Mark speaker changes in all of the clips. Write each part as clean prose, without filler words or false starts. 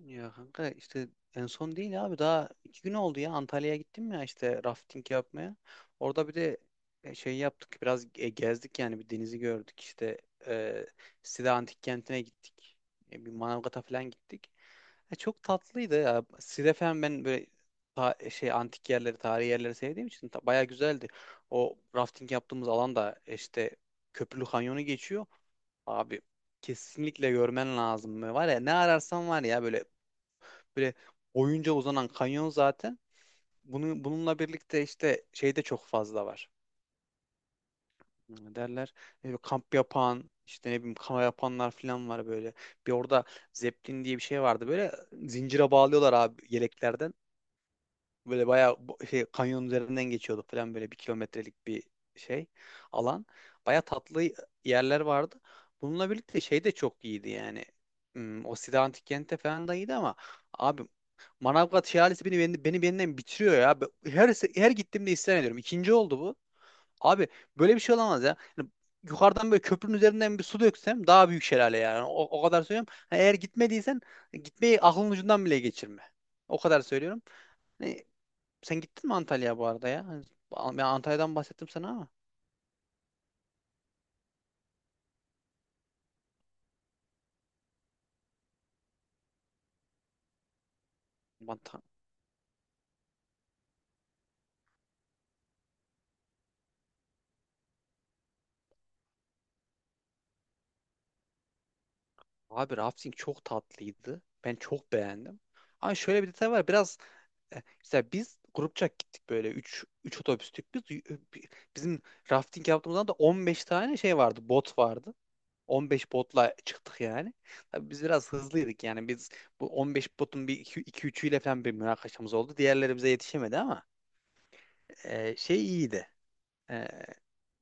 Speaker 1: Ya kanka işte, en son değil abi, daha 2 gün oldu ya, Antalya'ya gittim ya, işte rafting yapmaya. Orada bir de şey yaptık, biraz gezdik yani, bir denizi gördük işte, e, Side Antik Kenti'ne gittik. Bir Manavgat'a falan gittik. Çok tatlıydı ya. Side falan, ben böyle şey antik yerleri, tarihi yerleri sevdiğim için bayağı güzeldi. O rafting yaptığımız alan da işte Köprülü Kanyonu geçiyor. Abi, kesinlikle görmen lazım. Var ya, ne ararsan var ya, böyle böyle boyunca uzanan kanyon zaten. Bununla birlikte işte şey de çok fazla var. Ne derler. Böyle kamp yapan, işte ne bileyim kano yapanlar falan var böyle. Bir orada zeplin diye bir şey vardı. Böyle zincire bağlıyorlar abi, yeleklerden. Böyle bayağı şey, kanyonun üzerinden geçiyordu falan, böyle 1 kilometrelik bir şey alan. Bayağı tatlı yerler vardı. Bununla birlikte şey de çok iyiydi yani. Hmm. O Side Antik Kent'te falan da iyiydi ama abi, Manavgat Şelalesi beni benden bitiriyor ya. Her gittiğimde isyan ediyorum. İkinci oldu bu. Abi, böyle bir şey olamaz ya. Yani yukarıdan böyle köprünün üzerinden bir su döksem daha büyük şelale yani. O kadar söylüyorum. Ha, eğer gitmediysen gitmeyi aklın ucundan bile geçirme. O kadar söylüyorum. Hani sen gittin mi Antalya'ya bu arada ya? Hani ben Antalya'dan bahsettim sana ama. Ant- Abi, rafting çok tatlıydı. Ben çok beğendim. Ama şöyle bir detay var. Biraz mesela biz grupça gittik, böyle üç otobüstük biz. Bi- Bizim rafting yaptığımızda da 15 tane şey vardı, bot vardı. 15 botla çıktık yani. Tabii biz biraz hızlıydık yani, biz bu 15 botun bir 2 üçüyle falan bir münakaşamız oldu. Diğerleri bize yetişemedi ama şey iyiydi, e,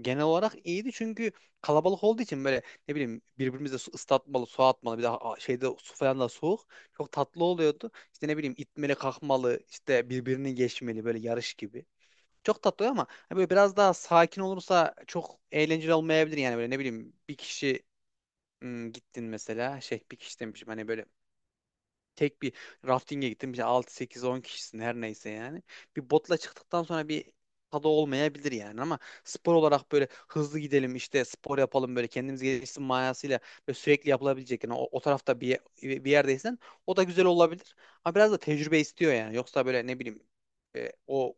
Speaker 1: genel olarak iyiydi çünkü kalabalık olduğu için böyle ne bileyim birbirimize su ıslatmalı, su atmalı, bir de şeyde su falan da soğuk. Çok tatlı oluyordu. İşte ne bileyim, itmeli, kalkmalı, işte birbirini geçmeli, böyle yarış gibi. Çok tatlı oluyor ama hani böyle biraz daha sakin olursa çok eğlenceli olmayabilir yani. Böyle ne bileyim, bir kişi gittin mesela, şey, bir kişi demişim hani, böyle tek bir rafting'e gittim. İşte 6 8 10 kişisin, her neyse yani. Bir botla çıktıktan sonra bir tadı olmayabilir yani. Ama spor olarak böyle hızlı gidelim işte, spor yapalım, böyle kendimiz gelişsin manasıyla ve sürekli yapılabilecek yani. O tarafta bir yerdeysen o da güzel olabilir. Ama biraz da tecrübe istiyor yani. Yoksa böyle ne bileyim, o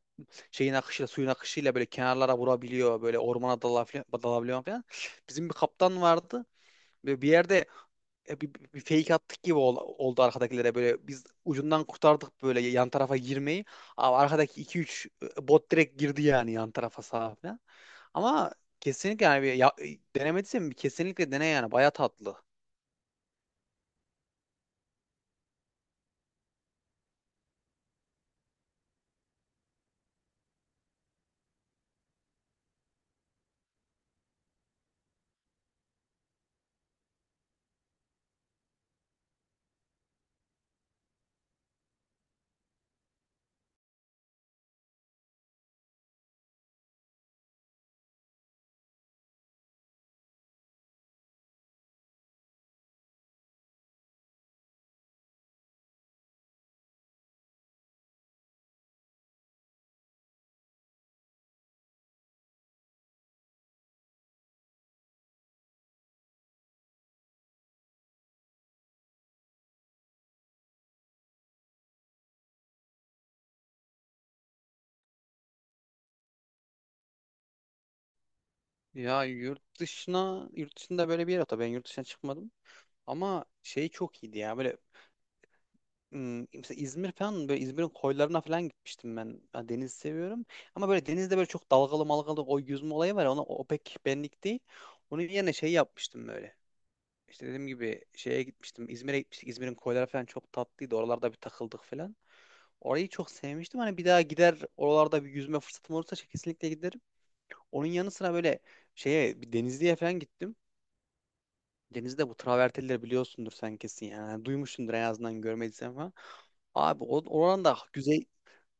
Speaker 1: şeyin akışıyla, suyun akışıyla böyle kenarlara vurabiliyor, böyle ormana dalabiliyor falan. Bizim bir kaptan vardı. Böyle bir yerde bir fake attık gibi oldu arkadakilere, böyle biz ucundan kurtardık böyle yan tarafa girmeyi. Ama arkadaki 2-3 bot direkt girdi yani, yan tarafa, sağa falan. Ama kesinlikle yani, denemediysen bir kesinlikle dene yani, baya tatlı. Ya yurt dışına yurt dışında böyle bir yer, hatta ben yurt dışına çıkmadım, ama şey çok iyiydi ya böyle. Hmm, mesela İzmir falan, böyle İzmir'in koylarına falan gitmiştim ben. Ya, deniz seviyorum. Ama böyle denizde böyle çok dalgalı malgalı, o yüzme olayı var. Ona o pek benlik değil. Onun yerine şey yapmıştım böyle. İşte dediğim gibi şeye gitmiştim. İzmir'e gitmiştik. İzmir'in koyları falan çok tatlıydı. Oralarda bir takıldık falan. Orayı çok sevmiştim. Hani bir daha gider, oralarda bir yüzme fırsatım olursa kesinlikle giderim. Onun yanı sıra böyle şeye, bir Denizli'ye falan gittim. Denizde bu travertenleri biliyorsundur sen kesin yani. Yani duymuşsundur en azından, görmediysen falan. Abi, oranın da güzel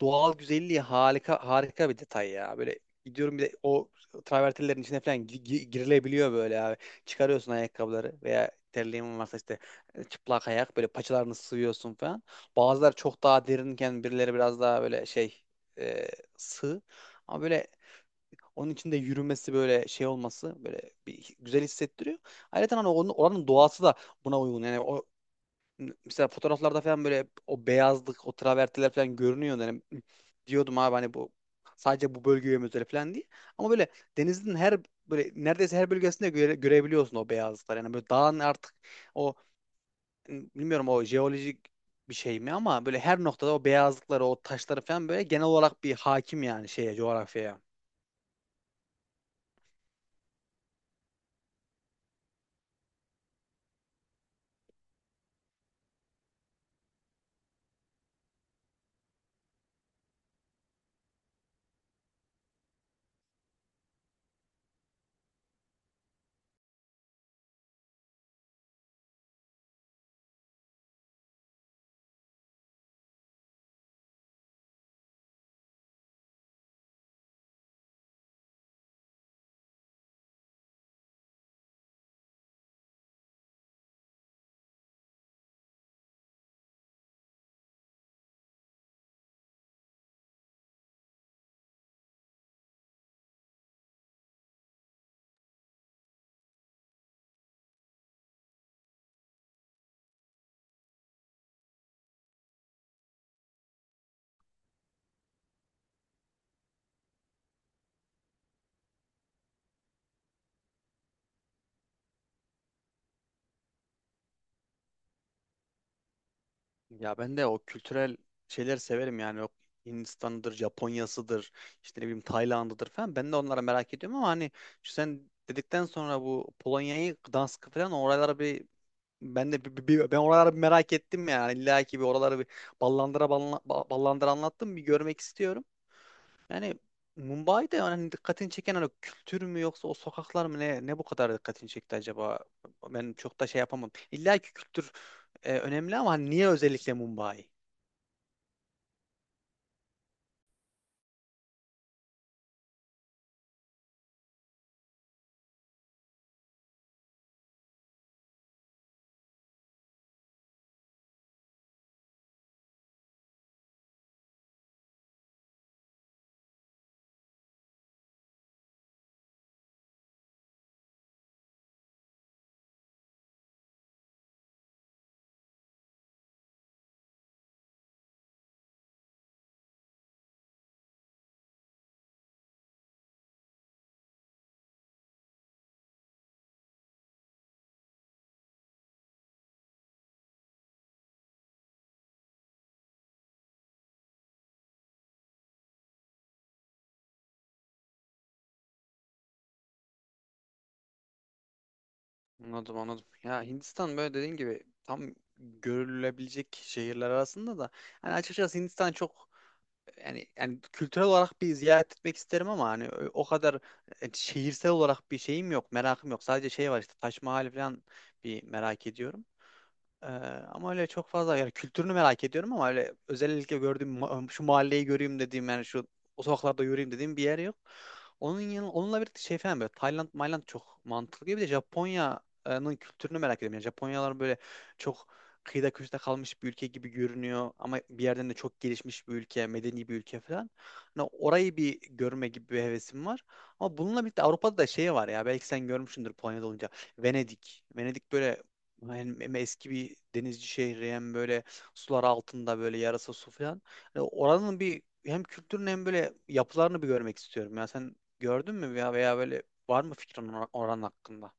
Speaker 1: doğal güzelliği, harika bir detay ya. Böyle gidiyorum, bir de o travertenlerin içine falan girilebiliyor böyle abi. Çıkarıyorsun ayakkabıları, veya terliğin varsa işte çıplak ayak böyle paçalarını sıvıyorsun falan. Bazıları çok daha derinken birileri biraz daha böyle şey, e, sığ. Ama böyle onun içinde yürümesi, böyle şey olması, böyle bir güzel hissettiriyor. Ayrıca hani oranın doğası da buna uygun. Yani o, mesela fotoğraflarda falan böyle o beyazlık, o travertiler falan görünüyor. Yani diyordum abi, hani bu sadece bu bölgeye mi özel falan değil. Ama böyle denizin her, böyle neredeyse her bölgesinde görebiliyorsun o beyazlıklar. Yani böyle dağın artık o, bilmiyorum, o jeolojik bir şey mi, ama böyle her noktada o beyazlıkları, o taşları falan böyle genel olarak bir hakim yani şeye, coğrafyaya. Ya ben de o kültürel şeyleri severim yani. Yok Hindistan'dır, Japonya'sıdır, işte ne bileyim Tayland'ıdır falan. Ben de onlara merak ediyorum, ama hani şu sen dedikten sonra bu Polonya'yı, Gdansk'ı falan, oralara bir ben de ben oralara bir merak ettim yani. İlla ki bir oraları bir ballandıra anlattım, bir görmek istiyorum. Yani Mumbai'de yani dikkatini çeken, hani kültür mü yoksa o sokaklar mı, ne bu kadar dikkatini çekti acaba? Ben çok da şey yapamam. İlla ki kültür önemli, ama hani niye özellikle Mumbai? Anladım, anladım. Ya Hindistan, böyle dediğin gibi tam görülebilecek şehirler arasında da hani, açıkçası Hindistan çok yani kültürel olarak bir ziyaret etmek isterim ama hani o kadar şehirsel olarak bir şeyim yok, merakım yok. Sadece şey var, işte Taş Mahal falan bir merak ediyorum. Ee, Ama öyle çok fazla yani kültürünü merak ediyorum, ama öyle özellikle gördüğüm şu mahalleyi göreyim dediğim yani, şu o sokaklarda yürüyeyim dediğim bir yer yok. Onunla birlikte şey falan, böyle Tayland, Mayland çok mantıklı gibi de, Japonya'nın kültürünü merak ediyorum. Yani Japonyalar böyle çok kıyıda köşede kalmış bir ülke gibi görünüyor, ama bir yerden de çok gelişmiş bir ülke, medeni bir ülke falan. Hani orayı bir görme gibi bir hevesim var. Ama bununla birlikte Avrupa'da da şey var ya, belki sen görmüşsündür Polonya'da olunca. Venedik. Venedik böyle hem eski bir denizci şehri, hem böyle sular altında, böyle yarasa su falan. Hani oranın bir hem kültürünü hem böyle yapılarını bir görmek istiyorum. Ya sen gördün mü ya, veya böyle var mı fikrin oran hakkında?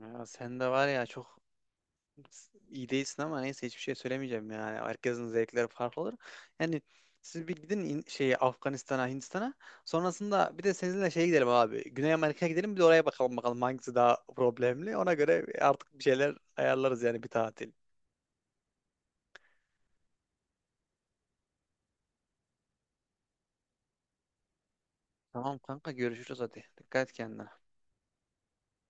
Speaker 1: Ya sen de var ya, çok iyi değilsin, ama neyse, hiçbir şey söylemeyeceğim yani. Herkesin zevkleri farklı olur. Yani siz bir gidin şeye, Afganistan'a, Hindistan'a. Sonrasında bir de seninle şeye gidelim abi. Güney Amerika'ya gidelim, bir de oraya bakalım hangisi daha problemli. Ona göre artık bir şeyler ayarlarız yani, bir tatil. Tamam kanka, görüşürüz hadi. Dikkat et kendine.